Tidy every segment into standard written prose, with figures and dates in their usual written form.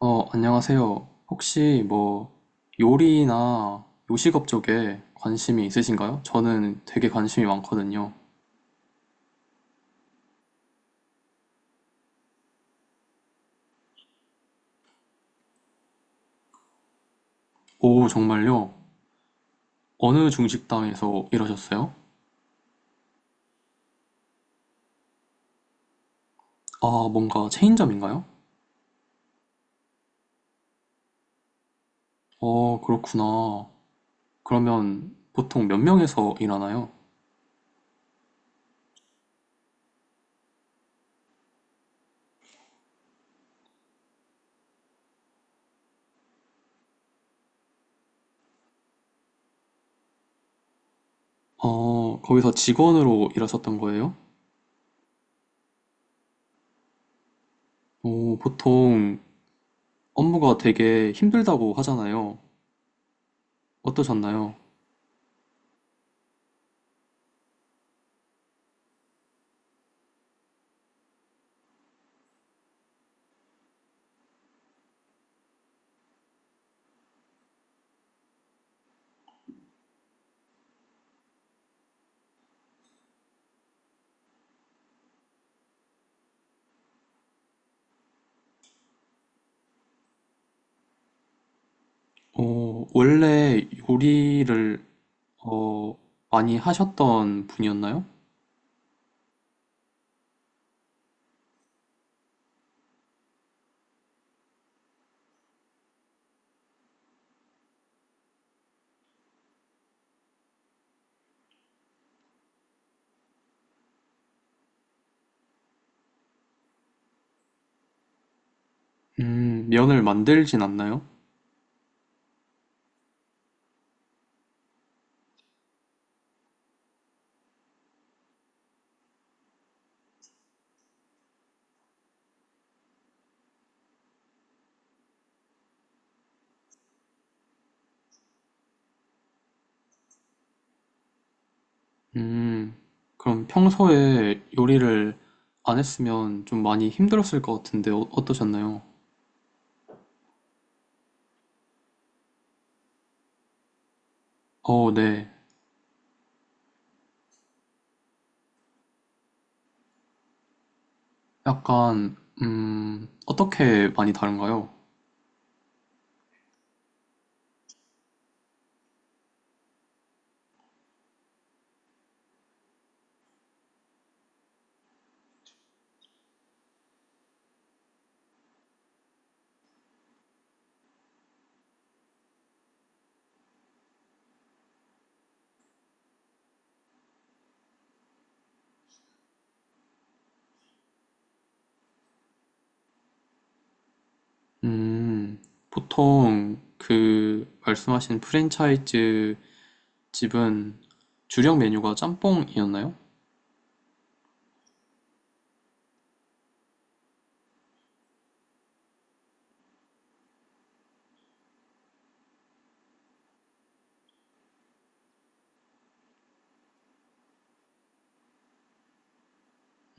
안녕하세요. 혹시 뭐 요리나 요식업 쪽에 관심이 있으신가요? 저는 되게 관심이 많거든요. 오, 정말요? 어느 중식당에서 일하셨어요? 아, 뭔가 체인점인가요? 어, 그렇구나. 그러면 보통 몇 명에서 일하나요? 어, 거기서 직원으로 일하셨던 거예요? 오, 보통 업무가 되게 힘들다고 하잖아요. 어떠셨나요? 어, 원래 요리를 어, 많이 하셨던 분이었나요? 면을 만들진 않나요? 음, 그럼 평소에 요리를 안 했으면 좀 많이 힘들었을 것 같은데 어떠셨나요? 어, 네. 약간, 어떻게 많이 다른가요? 음, 보통 그 말씀하신 프랜차이즈 집은 주력 메뉴가 짬뽕이었나요?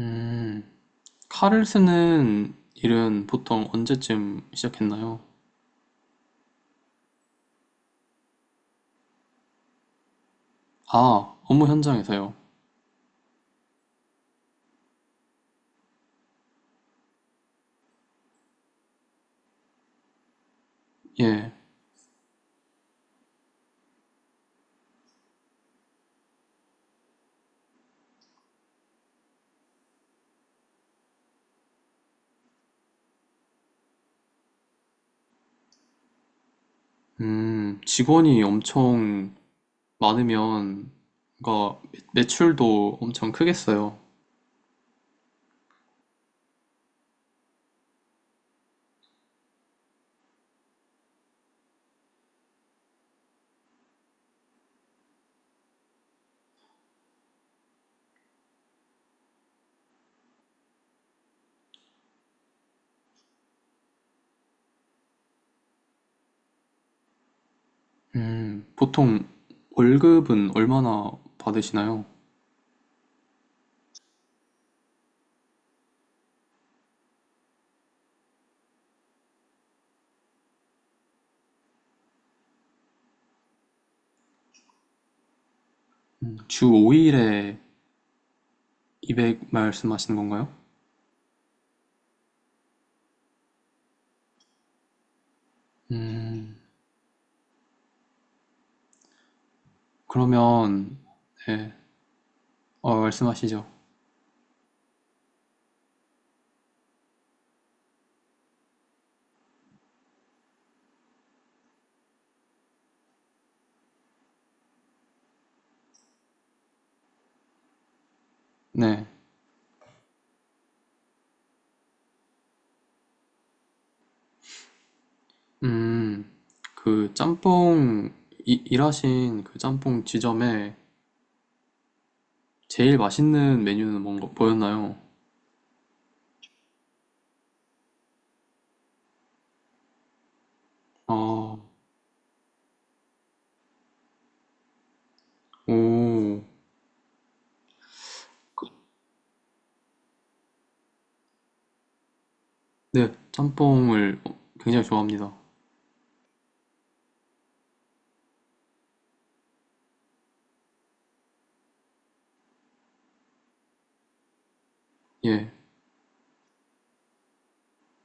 음, 칼을 쓰는 일은 보통 언제쯤 시작했나요? 아, 업무 현장에서요. 예. 직원이 엄청 많으면, 그러니까 매출도 엄청 크겠어요. 보통 월급은 얼마나 받으시나요? 주 5일에 200 말씀하시는 건가요? 음, 그러면, 네, 어, 말씀하시죠. 네. 음, 그 짬뽕, 일하신 그 짬뽕 지점에 제일 맛있는 메뉴는 뭔가 보였나요? 아.. 오, 네, 짬뽕을 굉장히 좋아합니다. 예,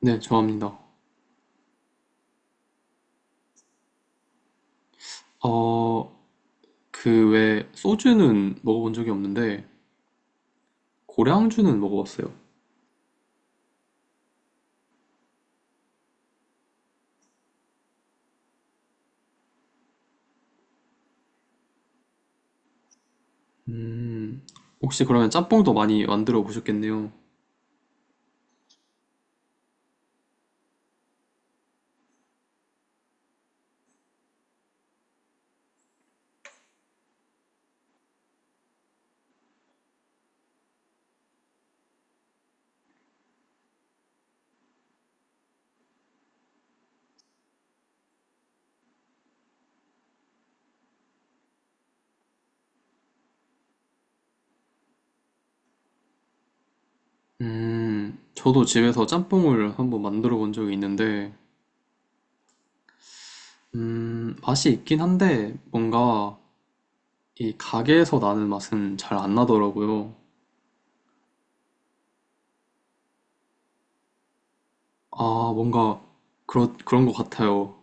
네, 좋아합니다. 어, 그외 소주는 먹어본 적이 없는데 고량주는 먹어봤어요. 음, 혹시 그러면 짬뽕도 많이 만들어 보셨겠네요. 저도 집에서 짬뽕을 한번 만들어 본 적이 있는데, 맛이 있긴 한데 뭔가 이 가게에서 나는 맛은 잘 안 나더라고요. 아, 뭔가 그런 그런 것 같아요.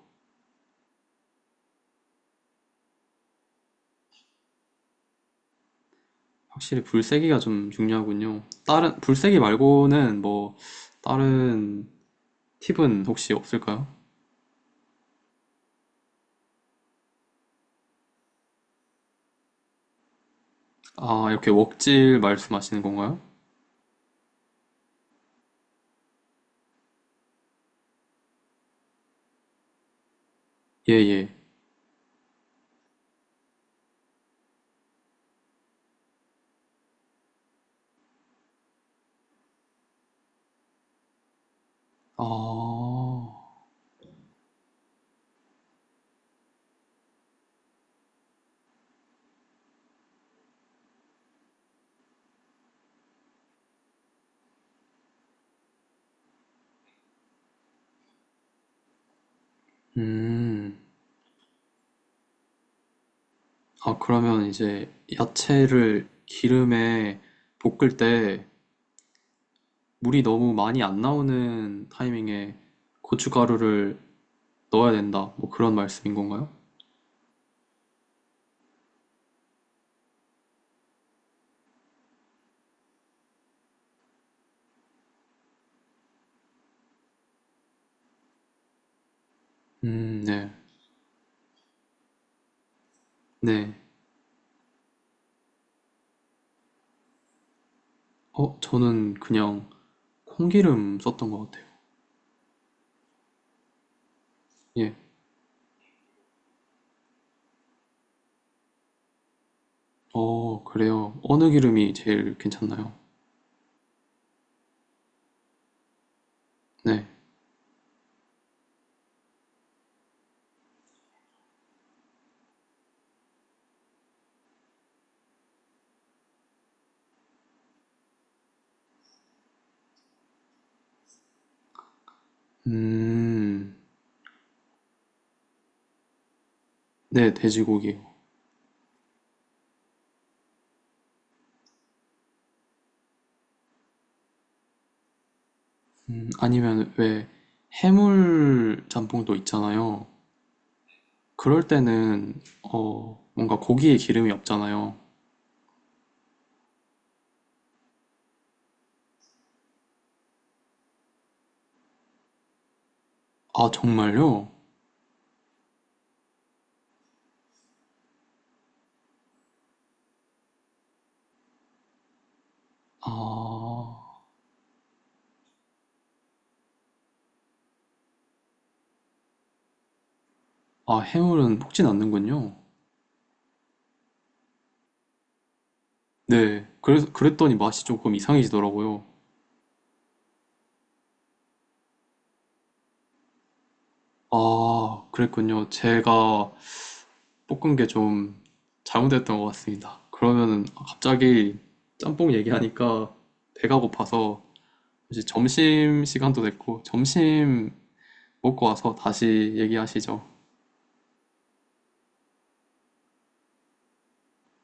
확실히 불세기가 좀 중요하군요. 다른, 불세기 말고는 뭐, 다른 팁은 혹시 없을까요? 아, 이렇게 웍질 말씀하시는 건가요? 예, 예. 아, 음. 아, 그러면 이제 야채를 기름에 볶을 때 물이 너무 많이 안 나오는 타이밍에 고춧가루를 넣어야 된다. 뭐 그런 말씀인 건가요? 네. 네. 저는 그냥 콩기름 썼던 것 같아요. 예, 어, 그래요. 어느 기름이 제일 괜찮나요? 네. 음, 네, 돼지고기요. 아니면 왜 해물 짬뽕도 있잖아요. 그럴 때는, 뭔가 고기에 기름이 없잖아요. 아, 정말요? 아, 아, 해물은 볶진 않는군요. 네. 그래서, 그랬더니 맛이 조금 이상해지더라고요. 아, 그랬군요. 제가 볶은 게 좀 잘못됐던 것 같습니다. 그러면은 갑자기 짬뽕 얘기하니까 배가 고파서 이제 점심 시간도 됐고 점심 먹고 와서 다시 얘기하시죠.